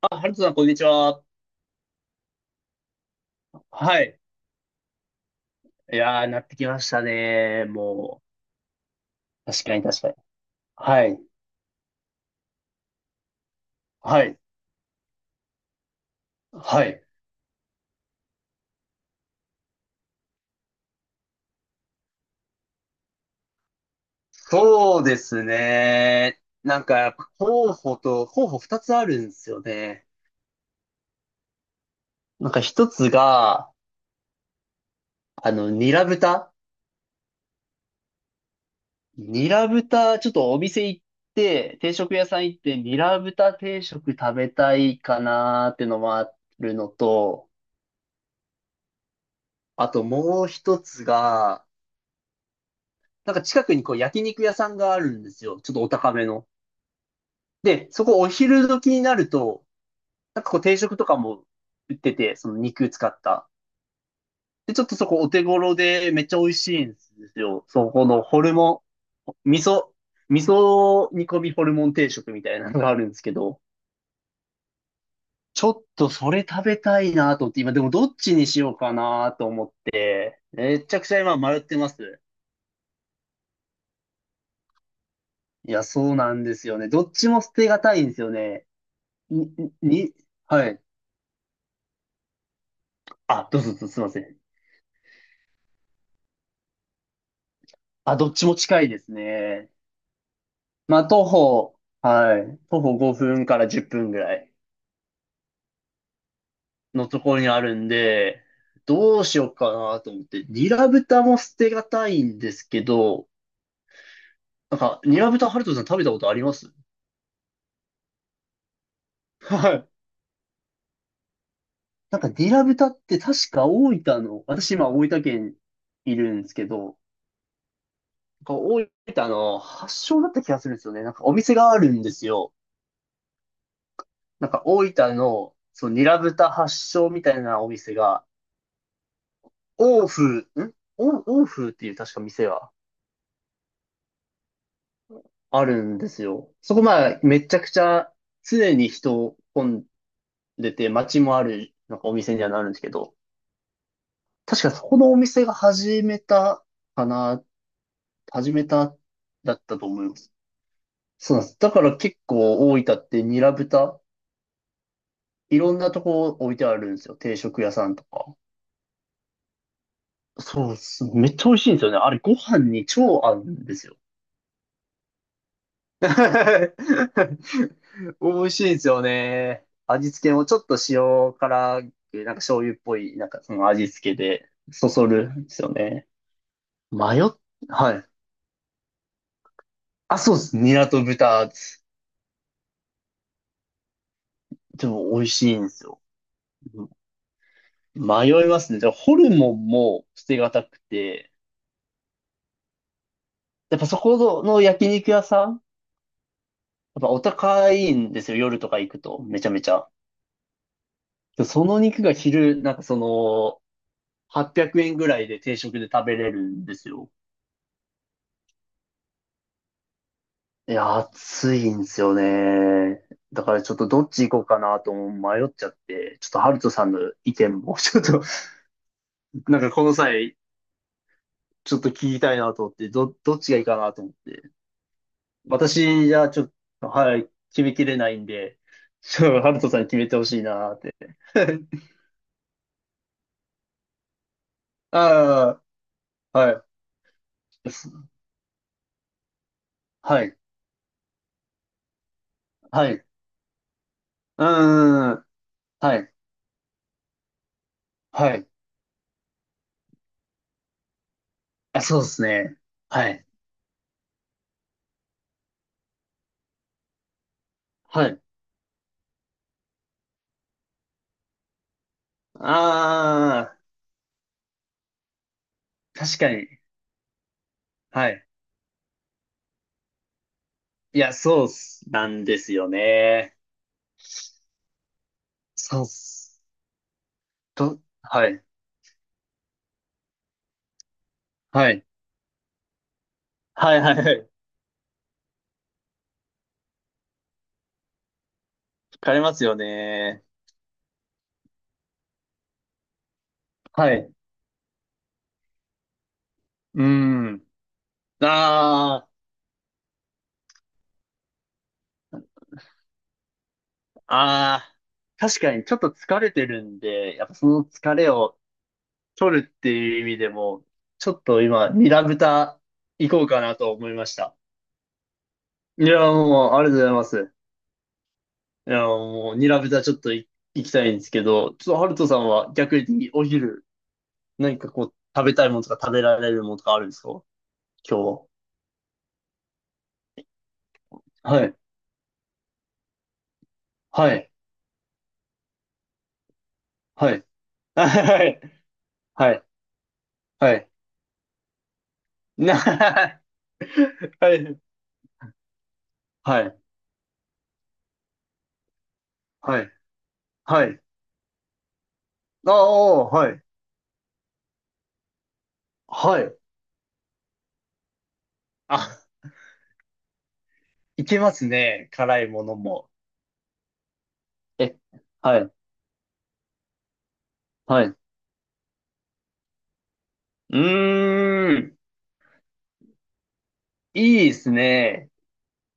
あ、ハルトさん、こんにちは。はい。いやー、なってきましたね。もう、確かに確かに。はい。はい。はい。そうですね。なんか、やっぱ候補二つあるんですよね。なんか一つが、ニラ豚。ニラ豚、ちょっとお店行って、定食屋さん行って、ニラ豚定食食べたいかなーってのもあるのと、あともう一つが、なんか近くにこう焼肉屋さんがあるんですよ。ちょっとお高めの。で、そこお昼時になると、なんかこう定食とかも売ってて、その肉使った。で、ちょっとそこお手頃でめっちゃ美味しいんですよ。そこのホルモン、味噌煮込みホルモン定食みたいなのがあるんですけど、ちょっとそれ食べたいなと思って、今でもどっちにしようかなと思って、めちゃくちゃ今迷ってます。いや、そうなんですよね。どっちも捨てがたいんですよね。に、に、はい。あ、どうぞどうぞ、すいません。あ、どっちも近いですね。まあ、徒歩、はい。徒歩5分から10分ぐらいのところにあるんで、どうしようかなと思って、ニラ豚も捨てがたいんですけど、なんか、ニラ豚、ハルトさん食べたことありますはい。なんか、ニラ豚って確か大分の、私今大分県いるんですけど、なんか大分の発祥だった気がするんですよね。なんかお店があるんですよ。なんか大分の、そう、ニラ豚発祥みたいなお店が、欧風、ん欧欧風っていう確か店はあるんですよ。そこまあ、めちゃくちゃ常に人混んでて、街もある、なんかお店にはなるんですけど、確かそこのお店がかな、始めただったと思います。そうなんです。だから結構大分ってニラ豚、いろんなとこ置いてあるんですよ。定食屋さんとか。そうっす。めっちゃ美味しいんですよね。あれ、ご飯に超合うんですよ。美味しいですよね。味付けもちょっと塩辛く、なんか醤油っぽい、なんかその味付けで、そそるんですよね。迷っ、はい。あ、そうです。ニラと豚です、でも美味しいんですよ。うん、迷いますね。じゃあ、ホルモンも捨てがたくて、やっぱそこの焼肉屋さん、やっぱお高いんですよ。夜とか行くと、めちゃめちゃ。で、その肉が昼、なんかその、800円ぐらいで定食で食べれるんですよ。いや、暑いんですよね。だからちょっとどっち行こうかなと迷っちゃって、ちょっとハルトさんの意見も、ちょっと、なんかこの際、ちょっと聞きたいなと思って、どっちがいいかなと思って。私じゃちょっと、はい、決めきれないんで、ちょっとハルトさんに決めてほしいなって。ああ、はい。はい、はい、うーん、はい、はい。あ、そうですね。はい。はい。ああ、確かに。はい。いや、そうっす。なんですよね。そうっす。と、はい。はい。はいはいはい。疲れますよね。はい。うん。ああ、ああ、確かにちょっと疲れてるんで、やっぱその疲れを取るっていう意味でも、ちょっと今、ニラ豚行こうかなと思いました。いや、もう、ありがとうございます。いや、もう、ニラ豚ちょっと行きたいんですけど、ちょっとハルトさんは逆にお昼、何かこう、食べたいものとか食べられるものとかあるんですか今日は。はい。はい。はい。はい。はい。はい。な はい。はい。はい。はい。ああ、はい。はい。あ、いけますね。辛いものも。え、はい。はい。うーん。いいですね。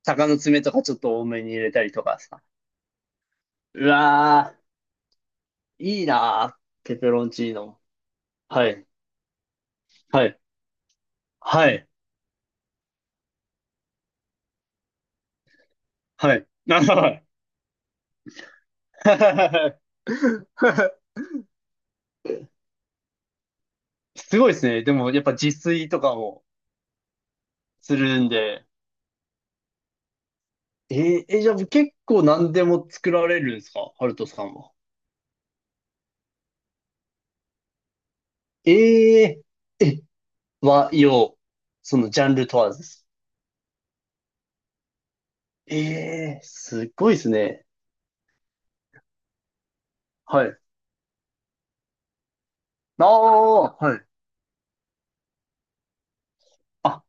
鷹の爪とかちょっと多めに入れたりとかさ。うわー。いいなぁ、ペペロンチーノ。はい、はい、はい、はい。なるほどはい すごいですね。でも、やっぱ自炊とかもするんで。えーえ、じゃあ結構何でも作られるんですかハルトさんは。えええ、和洋、そのジャンル問わずです。ええすごいですね。はい。ああ、はい。あ、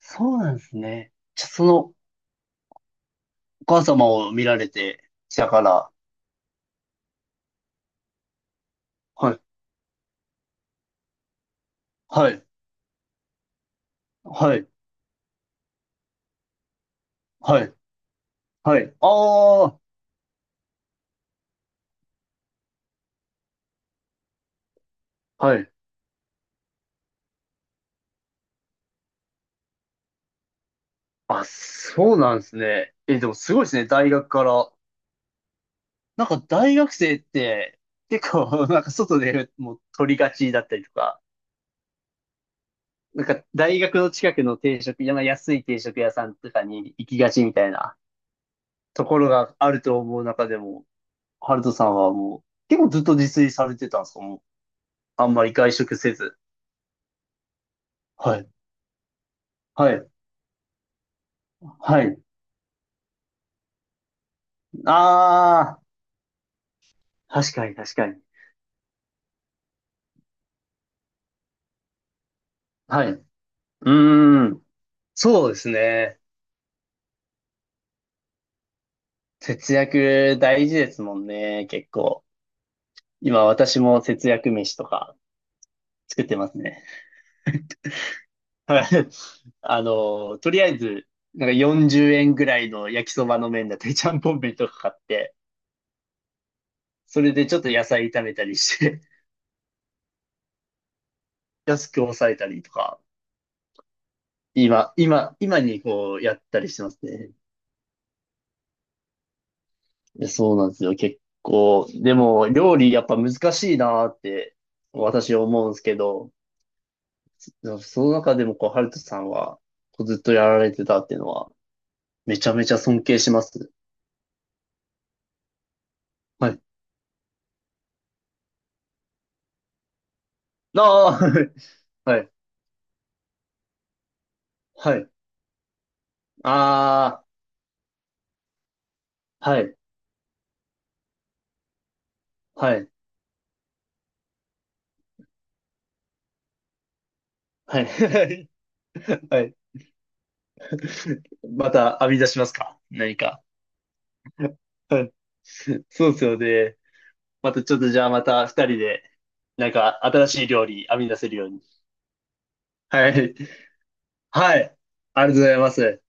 そうなんですね。じゃあ、そのお母様を見られてきたから。はい。はい。はい、はい、はい。ああ、はい。あ、そうなんですね。え、でもすごいですね、大学から。なんか大学生って結構、なんか外でもう取りがちだったりとか、なんか大学の近くの定食、なんか安い定食屋さんとかに行きがちみたいなところがあると思う中でも、ハルトさんはもう結構ずっと自炊されてたんですかもう、あんまり外食せず。はい、はい、はい。ああ、確かに確かに。はい。うーん。そうですね。節約大事ですもんね、結構。今私も節約飯とか作ってますね。はい。あの、とりあえず、なんか40円ぐらいの焼きそばの麺だったり、ちゃんぽん麺とか買って、それでちょっと野菜炒めたりして、安く抑えたりとか、今にこうやったりしてますね。いやそうなんですよ、結構。でも、料理やっぱ難しいなーって、私思うんですけど、でもその中でも、こう、ハルトさんは、こうずっとやられてたっていうのは、めちゃめちゃ尊敬します。はい。ああ、はい、はい。はいああ、はい、はい、はい。はい。また編み出しますか何か。はい。そうですよね。またちょっとじゃあまた二人で、なんか新しい料理編み出せるように。はい。はい。ありがとうございます。